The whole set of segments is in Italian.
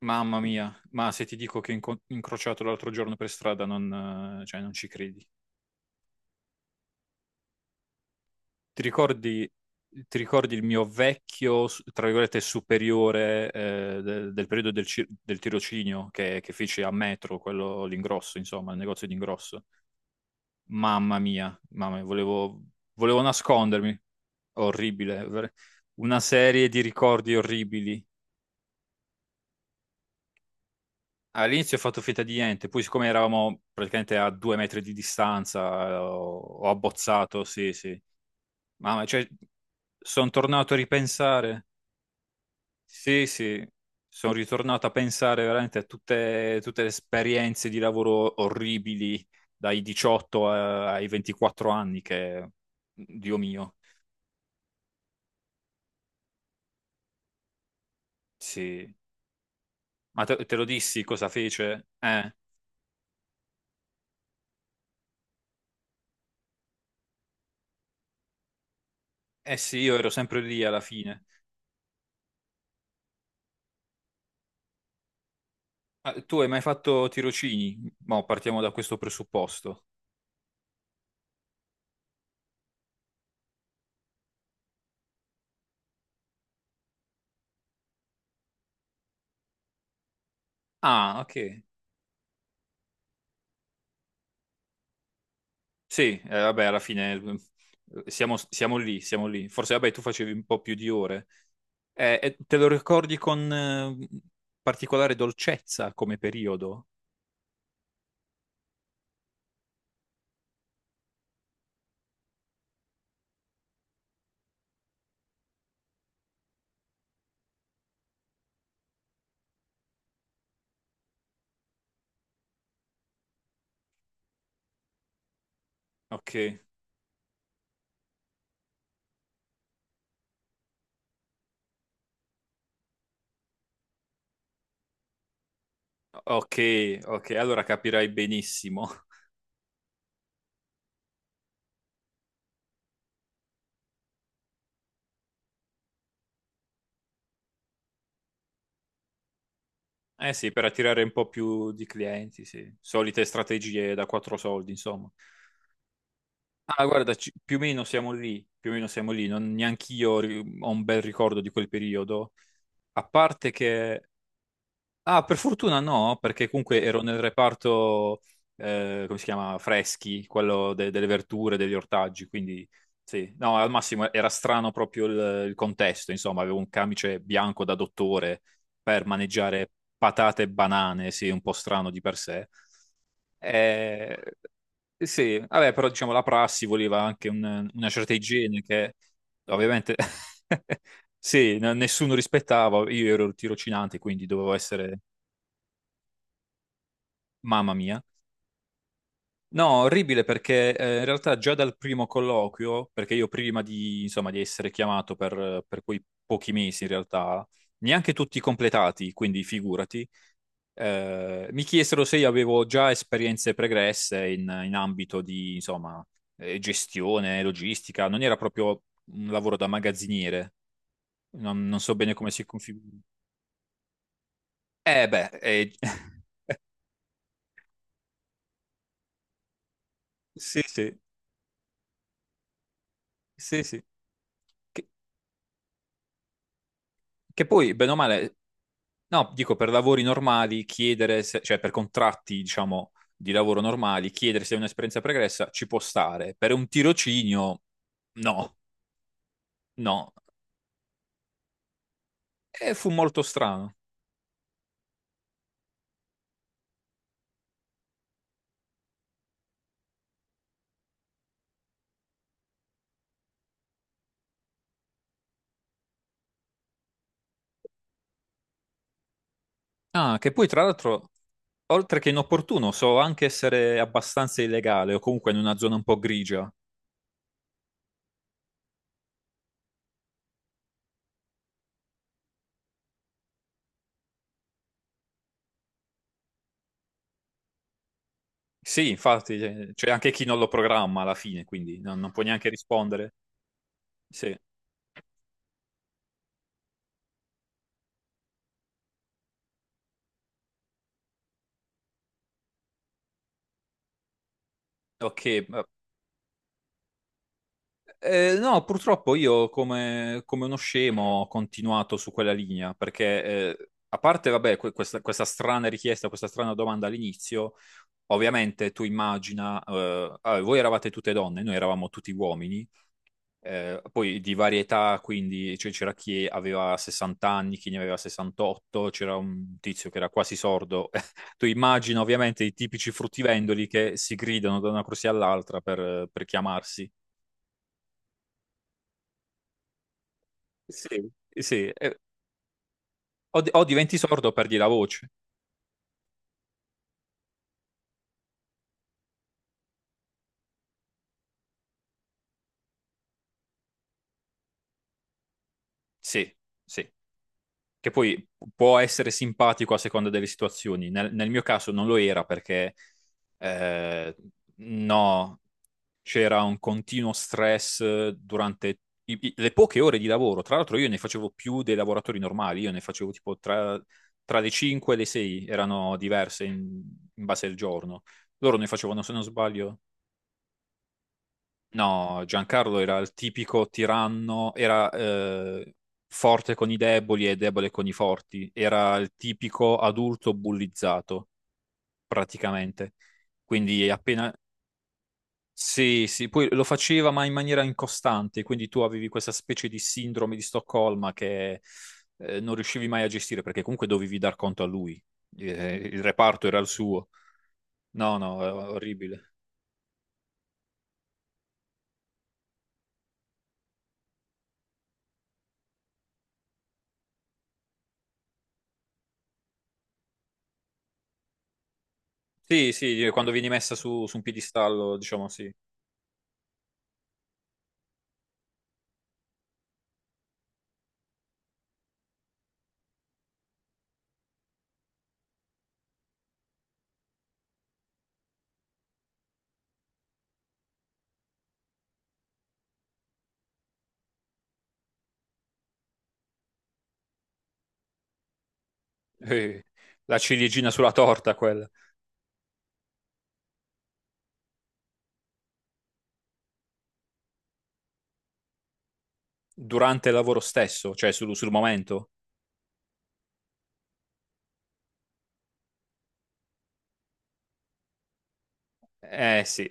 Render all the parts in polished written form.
Mamma mia, ma se ti dico che ho incrociato l'altro giorno per strada, non ci credi. Ti ricordi, ti ricordi il mio vecchio, tra virgolette, superiore del periodo del, del tirocinio che feci a Metro, quello l'ingrosso, insomma, il negozio di ingrosso? Mamma mia, volevo nascondermi. Orribile, una serie di ricordi orribili. All'inizio ho fatto finta di niente, poi siccome eravamo praticamente a due metri di distanza, ho abbozzato, sì, sì. Ma cioè, sono tornato a ripensare, sì, sì, sono ritornato a pensare veramente a tutte le esperienze di lavoro orribili dai 18 ai 24 anni che Dio mio, sì. Ma te lo dissi cosa fece? Eh sì, io ero sempre lì alla fine. Ah, tu hai mai fatto tirocini? Mo, partiamo da questo presupposto. Ah, ok. Sì, vabbè, alla fine siamo lì, siamo lì. Forse, vabbè, tu facevi un po' più di ore. E te lo ricordi con particolare dolcezza come periodo? Ok, ok, ok, allora capirai benissimo. Eh sì, per attirare un po' più di clienti, sì. Solite strategie da quattro soldi, insomma. Ah, guarda, più o meno siamo lì, più o meno siamo lì, non neanch'io ho un bel ricordo di quel periodo, a parte che. Ah, per fortuna no, perché comunque ero nel reparto, come si chiama, freschi, quello delle verdure, degli ortaggi, quindi sì, no, al massimo era strano proprio il contesto, insomma, avevo un camice bianco da dottore per maneggiare patate e banane, sì, un po' strano di per sé. Eh, sì, vabbè, però diciamo la prassi voleva anche una certa igiene che ovviamente sì, nessuno rispettava, io ero il tirocinante, quindi dovevo essere. Mamma mia. No, orribile perché in realtà già dal primo colloquio, perché io prima di, insomma, di essere chiamato per quei pochi mesi in realtà, neanche tutti completati, quindi figurati, mi chiesero se io avevo già esperienze pregresse in ambito di, insomma, gestione, logistica, non era proprio un lavoro da magazziniere, non so bene come si configura. Eh beh, Sì, sì, sì, sì. Che, che poi, bene o male, no, dico per lavori normali, chiedere, cioè per contratti, diciamo, di lavoro normali, chiedere se è un'esperienza pregressa ci può stare. Per un tirocinio, no, no. E fu molto strano. Ah, che poi, tra l'altro, oltre che inopportuno, so anche essere abbastanza illegale o comunque in una zona un po' grigia. Sì, infatti, c'è anche chi non lo programma alla fine, quindi non può neanche rispondere. Sì, ok. No, purtroppo io come uno scemo ho continuato su quella linea perché, a parte, vabbè, questa strana richiesta, questa strana domanda all'inizio, ovviamente tu immagina, ah, voi eravate tutte donne, noi eravamo tutti uomini, poi di varietà, quindi cioè, c'era chi aveva 60 anni, chi ne aveva 68, c'era un tizio che era quasi sordo. Tu immagina ovviamente i tipici fruttivendoli che si gridano da una corsia all'altra per chiamarsi. Sì. Sì, o, o diventi sordo o perdi la voce. Sì, sì. Che poi può essere simpatico a seconda delle situazioni. Nel mio caso non lo era perché eh, no, c'era un continuo stress durante le poche ore di lavoro. Tra l'altro io ne facevo più dei lavoratori normali, io ne facevo tipo tra le 5 e le 6, erano diverse in base al giorno. Loro ne facevano, se non sbaglio. No, Giancarlo era il tipico tiranno, era forte con i deboli e debole con i forti, era il tipico adulto bullizzato, praticamente. Quindi appena... Sì, sì, poi lo faceva ma in maniera incostante, quindi tu avevi questa specie di sindrome di Stoccolma che non riuscivi mai a gestire perché comunque dovevi dar conto a lui. Il reparto era il suo. No, no, è orribile. Sì, sì, quando vieni messa su un piedistallo, diciamo sì. Eh, la ciliegina sulla torta quella, durante il lavoro stesso, cioè sul momento. Eh sì,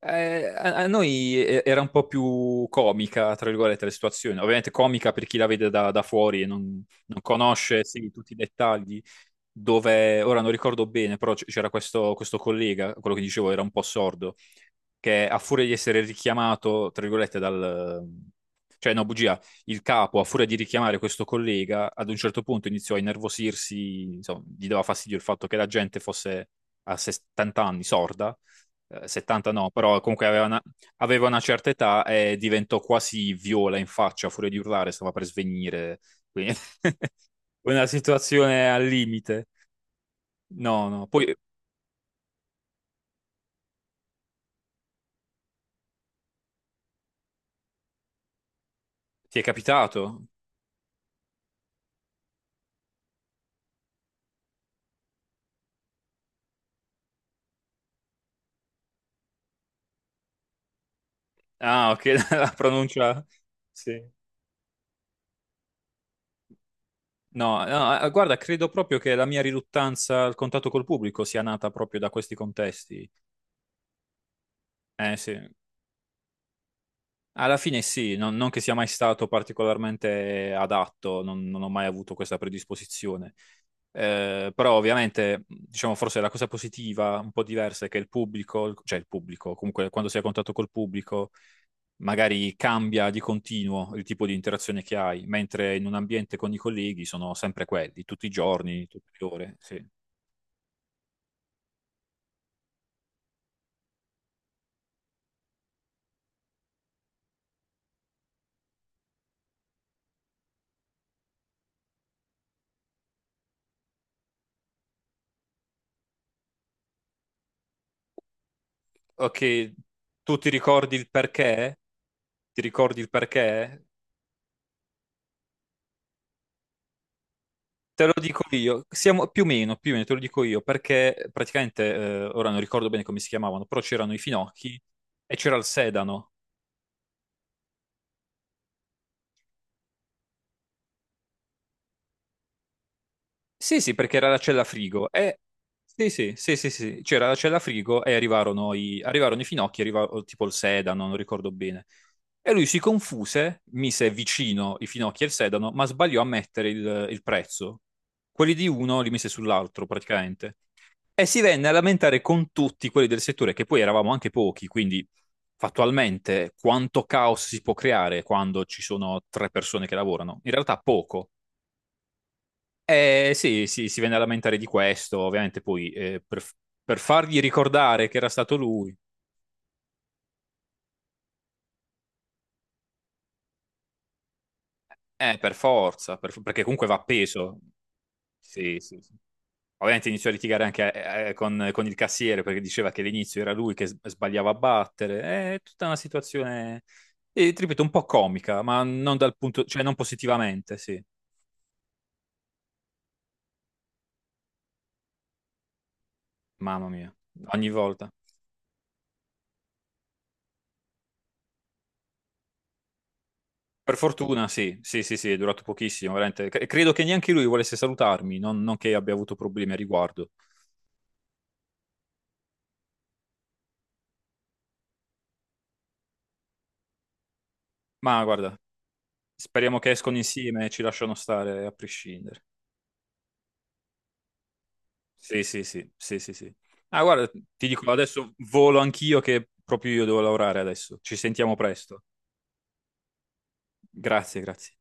eh, a noi era un po' più comica, tra virgolette, la situazione. Ovviamente comica per chi la vede da fuori e non conosce sì, tutti i dettagli, dove, ora non ricordo bene, però questo collega, quello che dicevo era un po' sordo, che a furia di essere richiamato, tra virgolette, dal... Cioè, no, bugia, il capo, a furia di richiamare questo collega, ad un certo punto iniziò a innervosirsi, insomma, gli dava fastidio il fatto che la gente fosse a 70 anni sorda, 70 no, però comunque aveva una certa età e diventò quasi viola in faccia, a furia di urlare, stava per svenire, quindi una situazione al limite. No, no, poi ti è capitato? Ah, ok, la pronuncia... Sì. No, no, guarda, credo proprio che la mia riluttanza al contatto col pubblico sia nata proprio da questi contesti. Eh sì, alla fine sì, non che sia mai stato particolarmente adatto, non ho mai avuto questa predisposizione. Però ovviamente, diciamo, forse la cosa positiva, un po' diversa, è che il pubblico, cioè il pubblico, comunque quando sei a contatto col pubblico, magari cambia di continuo il tipo di interazione che hai, mentre in un ambiente con i colleghi sono sempre quelli, tutti i giorni, tutte le ore, sì. Ok, tu ti ricordi il perché? Ti ricordi il perché? Te lo dico io, siamo più o meno te lo dico io, perché praticamente, ora non ricordo bene come si chiamavano, però c'erano i finocchi e c'era il sedano. Sì, sì, perché era la cella frigo. E... Sì, sì, sì, sì, sì, c'era la cella frigo e arrivarono i finocchi, arrivò tipo il sedano, non ricordo bene. E lui si confuse, mise vicino i finocchi e il sedano, ma sbagliò a mettere il prezzo. Quelli di uno li mise sull'altro, praticamente. E si venne a lamentare con tutti quelli del settore, che poi eravamo anche pochi, quindi fattualmente quanto caos si può creare quando ci sono tre persone che lavorano? In realtà poco. Sì, sì, si venne a lamentare di questo, ovviamente poi per fargli ricordare che era stato lui, per forza, perché comunque va appeso. Sì, sì, sì. Ovviamente iniziò a litigare anche con il cassiere perché diceva che all'inizio era lui che sbagliava a battere. È tutta una situazione, ti ripeto, un po' comica, ma non dal punto, cioè non positivamente, sì. Mamma mia, ogni volta. Per fortuna, sì, sì, sì, sì, è durato pochissimo, veramente. Credo che neanche lui volesse salutarmi, non che abbia avuto problemi a riguardo. Ma guarda, speriamo che escono insieme e ci lasciano stare a prescindere. Sì, sì, sì, sì, sì, sì. Ah, guarda, ti dico, adesso volo anch'io che proprio io devo lavorare adesso. Ci sentiamo presto. Grazie, grazie.